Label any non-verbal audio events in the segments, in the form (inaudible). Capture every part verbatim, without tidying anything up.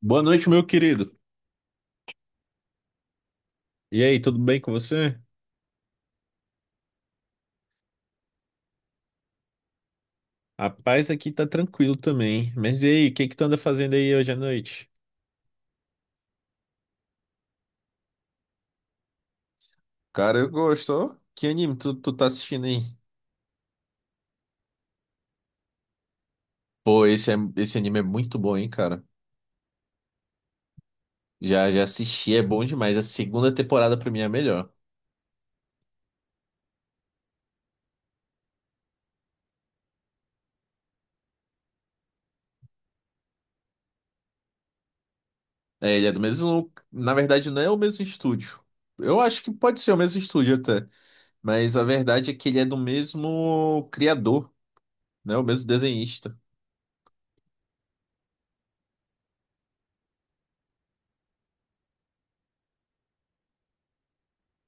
Boa noite, meu querido. E aí, tudo bem com você? A paz aqui tá tranquilo também. Mas e aí, o que que tu anda fazendo aí hoje à noite? Cara, eu gosto. Ó, que anime tu, tu tá assistindo aí? Pô, esse, é- esse anime é muito bom, hein, cara. Já, já assisti, é bom demais. A segunda temporada pra mim é a melhor. É, ele é do mesmo. Na verdade, não é o mesmo estúdio. Eu acho que pode ser o mesmo estúdio até. Mas a verdade é que ele é do mesmo criador, né? O mesmo desenhista.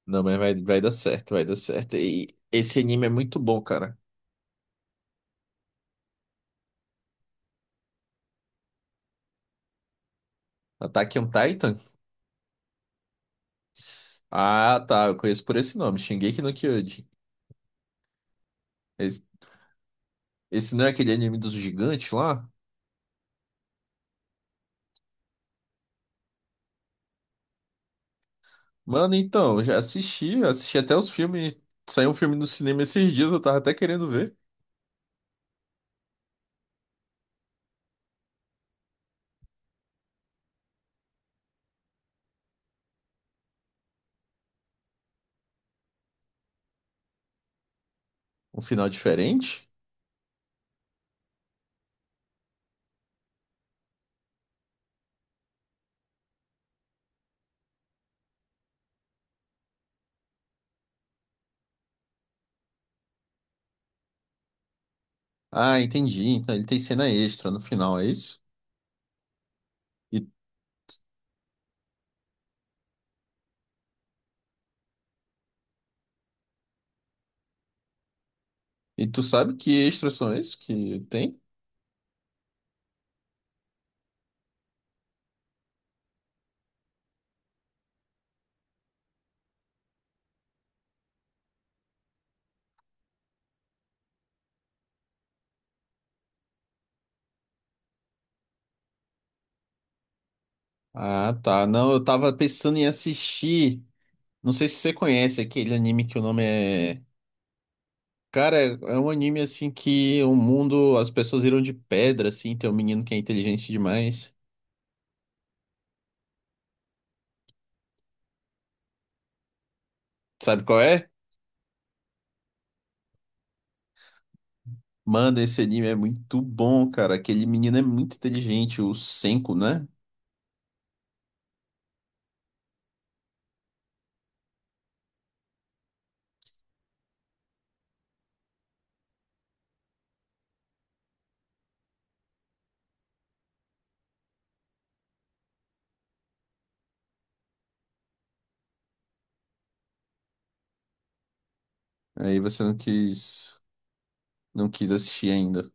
Não, mas vai, vai dar certo, vai dar certo. E esse anime é muito bom, cara. Attack on Titan? Ah, tá. Eu conheço por esse nome, Shingeki no Kyojin. Esse, esse não é aquele anime dos gigantes lá? Mano, então, eu já assisti, assisti até os filmes. Saiu um filme no cinema esses dias, eu tava até querendo ver. Um final diferente? Ah, entendi. Então ele tem cena extra no final, é isso? E, e tu sabe que extras são esses que tem? Ah, tá. Não, eu tava pensando em assistir. Não sei se você conhece aquele anime que o nome é. Cara, é é um anime assim que o mundo, as pessoas viram de pedra, assim, tem um menino que é inteligente demais. Sabe qual é? Manda, esse anime é muito bom, cara. Aquele menino é muito inteligente, o Senko, né? Aí você não quis, não quis assistir ainda.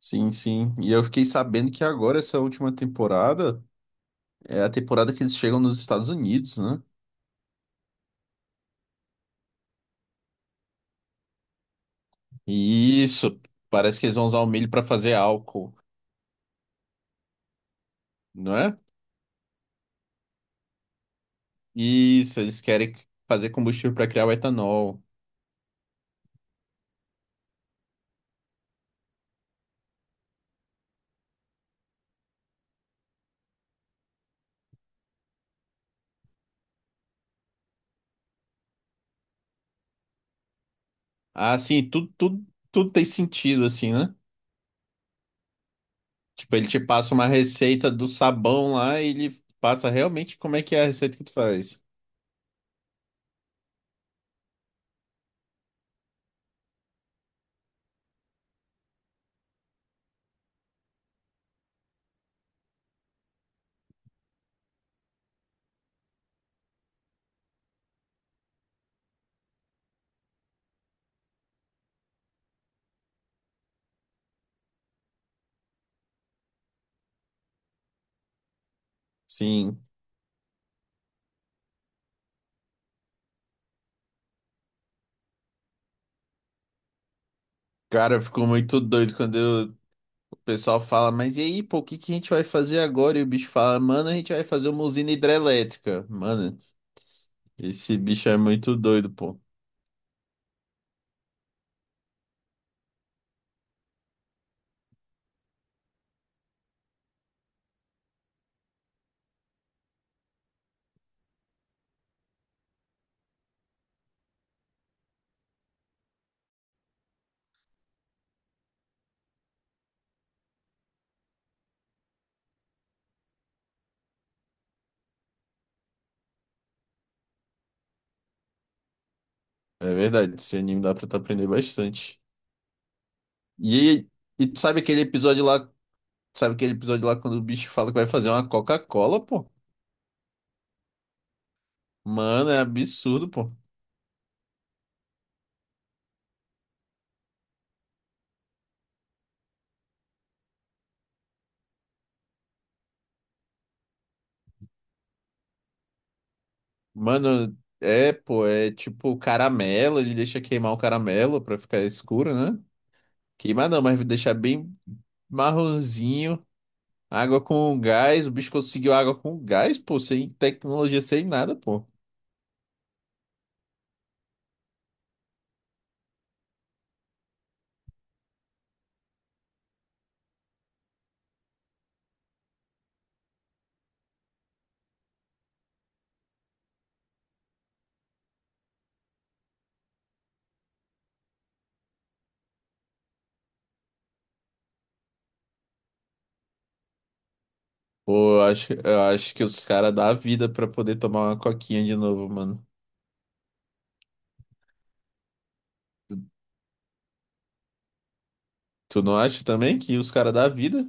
Sim, sim. E eu fiquei sabendo que agora essa última temporada é a temporada que eles chegam nos Estados Unidos, né? E isso, parece que eles vão usar o milho pra fazer álcool, não é? Isso, eles querem fazer combustível para criar o etanol. Ah, sim, tudo, tudo, tudo tem sentido, assim, né? Tipo, ele te passa uma receita do sabão lá e ele passa realmente como é que é a receita que tu faz. Sim, cara, eu fico muito doido quando eu- o pessoal fala, mas e aí, pô, o que que a gente vai fazer agora? E o bicho fala, mano, a gente vai fazer uma usina hidrelétrica. Mano, esse bicho é muito doido, pô. É verdade, esse anime dá pra tu aprender bastante. E, e tu sabe aquele episódio lá? Sabe aquele episódio lá quando o bicho fala que vai fazer uma Coca-Cola, pô? Mano, é absurdo, pô. Mano, é, pô, é tipo caramelo, ele deixa queimar o caramelo pra ficar escuro, né? Queimar não, mas deixar bem marronzinho, água com gás, o bicho conseguiu água com gás, pô, sem tecnologia, sem nada, pô. Pô, eu acho, eu acho que os caras dá a vida pra poder tomar uma coquinha de novo, mano. Tu não acha também que os caras dá a vida?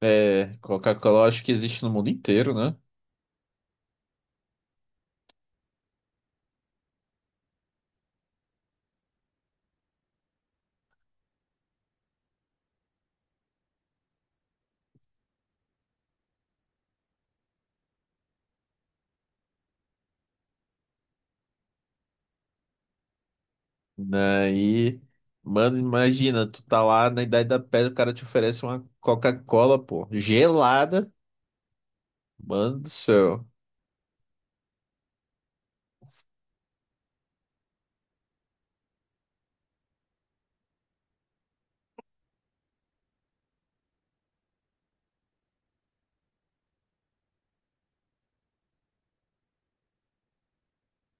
É, Coca-Cola eu acho que existe no mundo inteiro, né? Daí, mano, imagina, tu tá lá na Idade da Pedra, o cara te oferece uma Coca-Cola, pô, gelada. Mano do céu.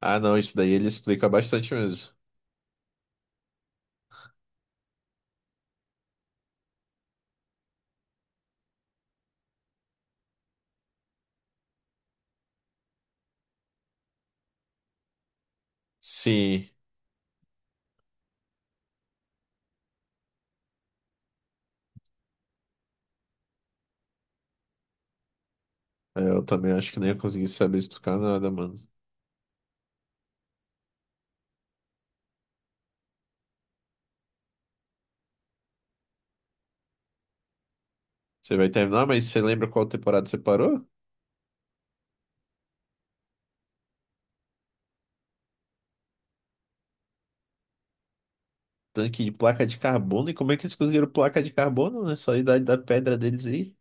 Ah, não, isso daí ele explica bastante mesmo. Sim, é, eu também acho que nem ia conseguir saber explicar nada, mano. Você vai terminar, mas você lembra qual temporada você parou? Tanque de placa de carbono, e como é que eles conseguiram placa de carbono nessa Idade da Pedra deles aí?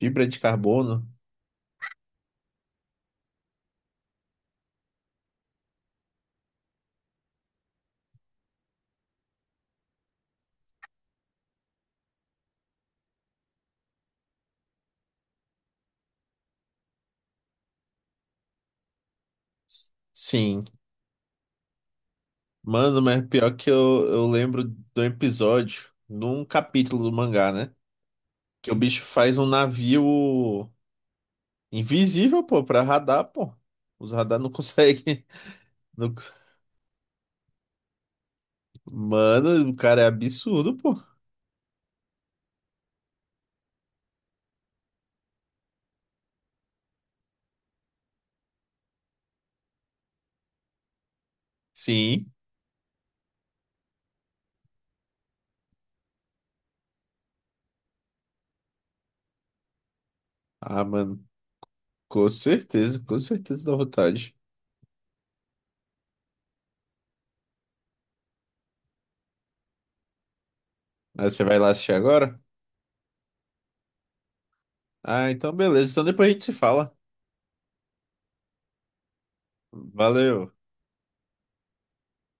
Fibra de carbono. S- Sim. Mano, mas pior que eu, eu lembro de um episódio, num capítulo do mangá, né? Que o bicho faz um navio invisível, pô, pra radar, pô. Os radar não conseguem. (laughs) não cons- Mano, o cara é absurdo, pô. Sim. Ah, mano, com certeza, com certeza dá vontade. Aí você vai lá assistir agora? Ah, então beleza. Então depois a gente se fala. Valeu.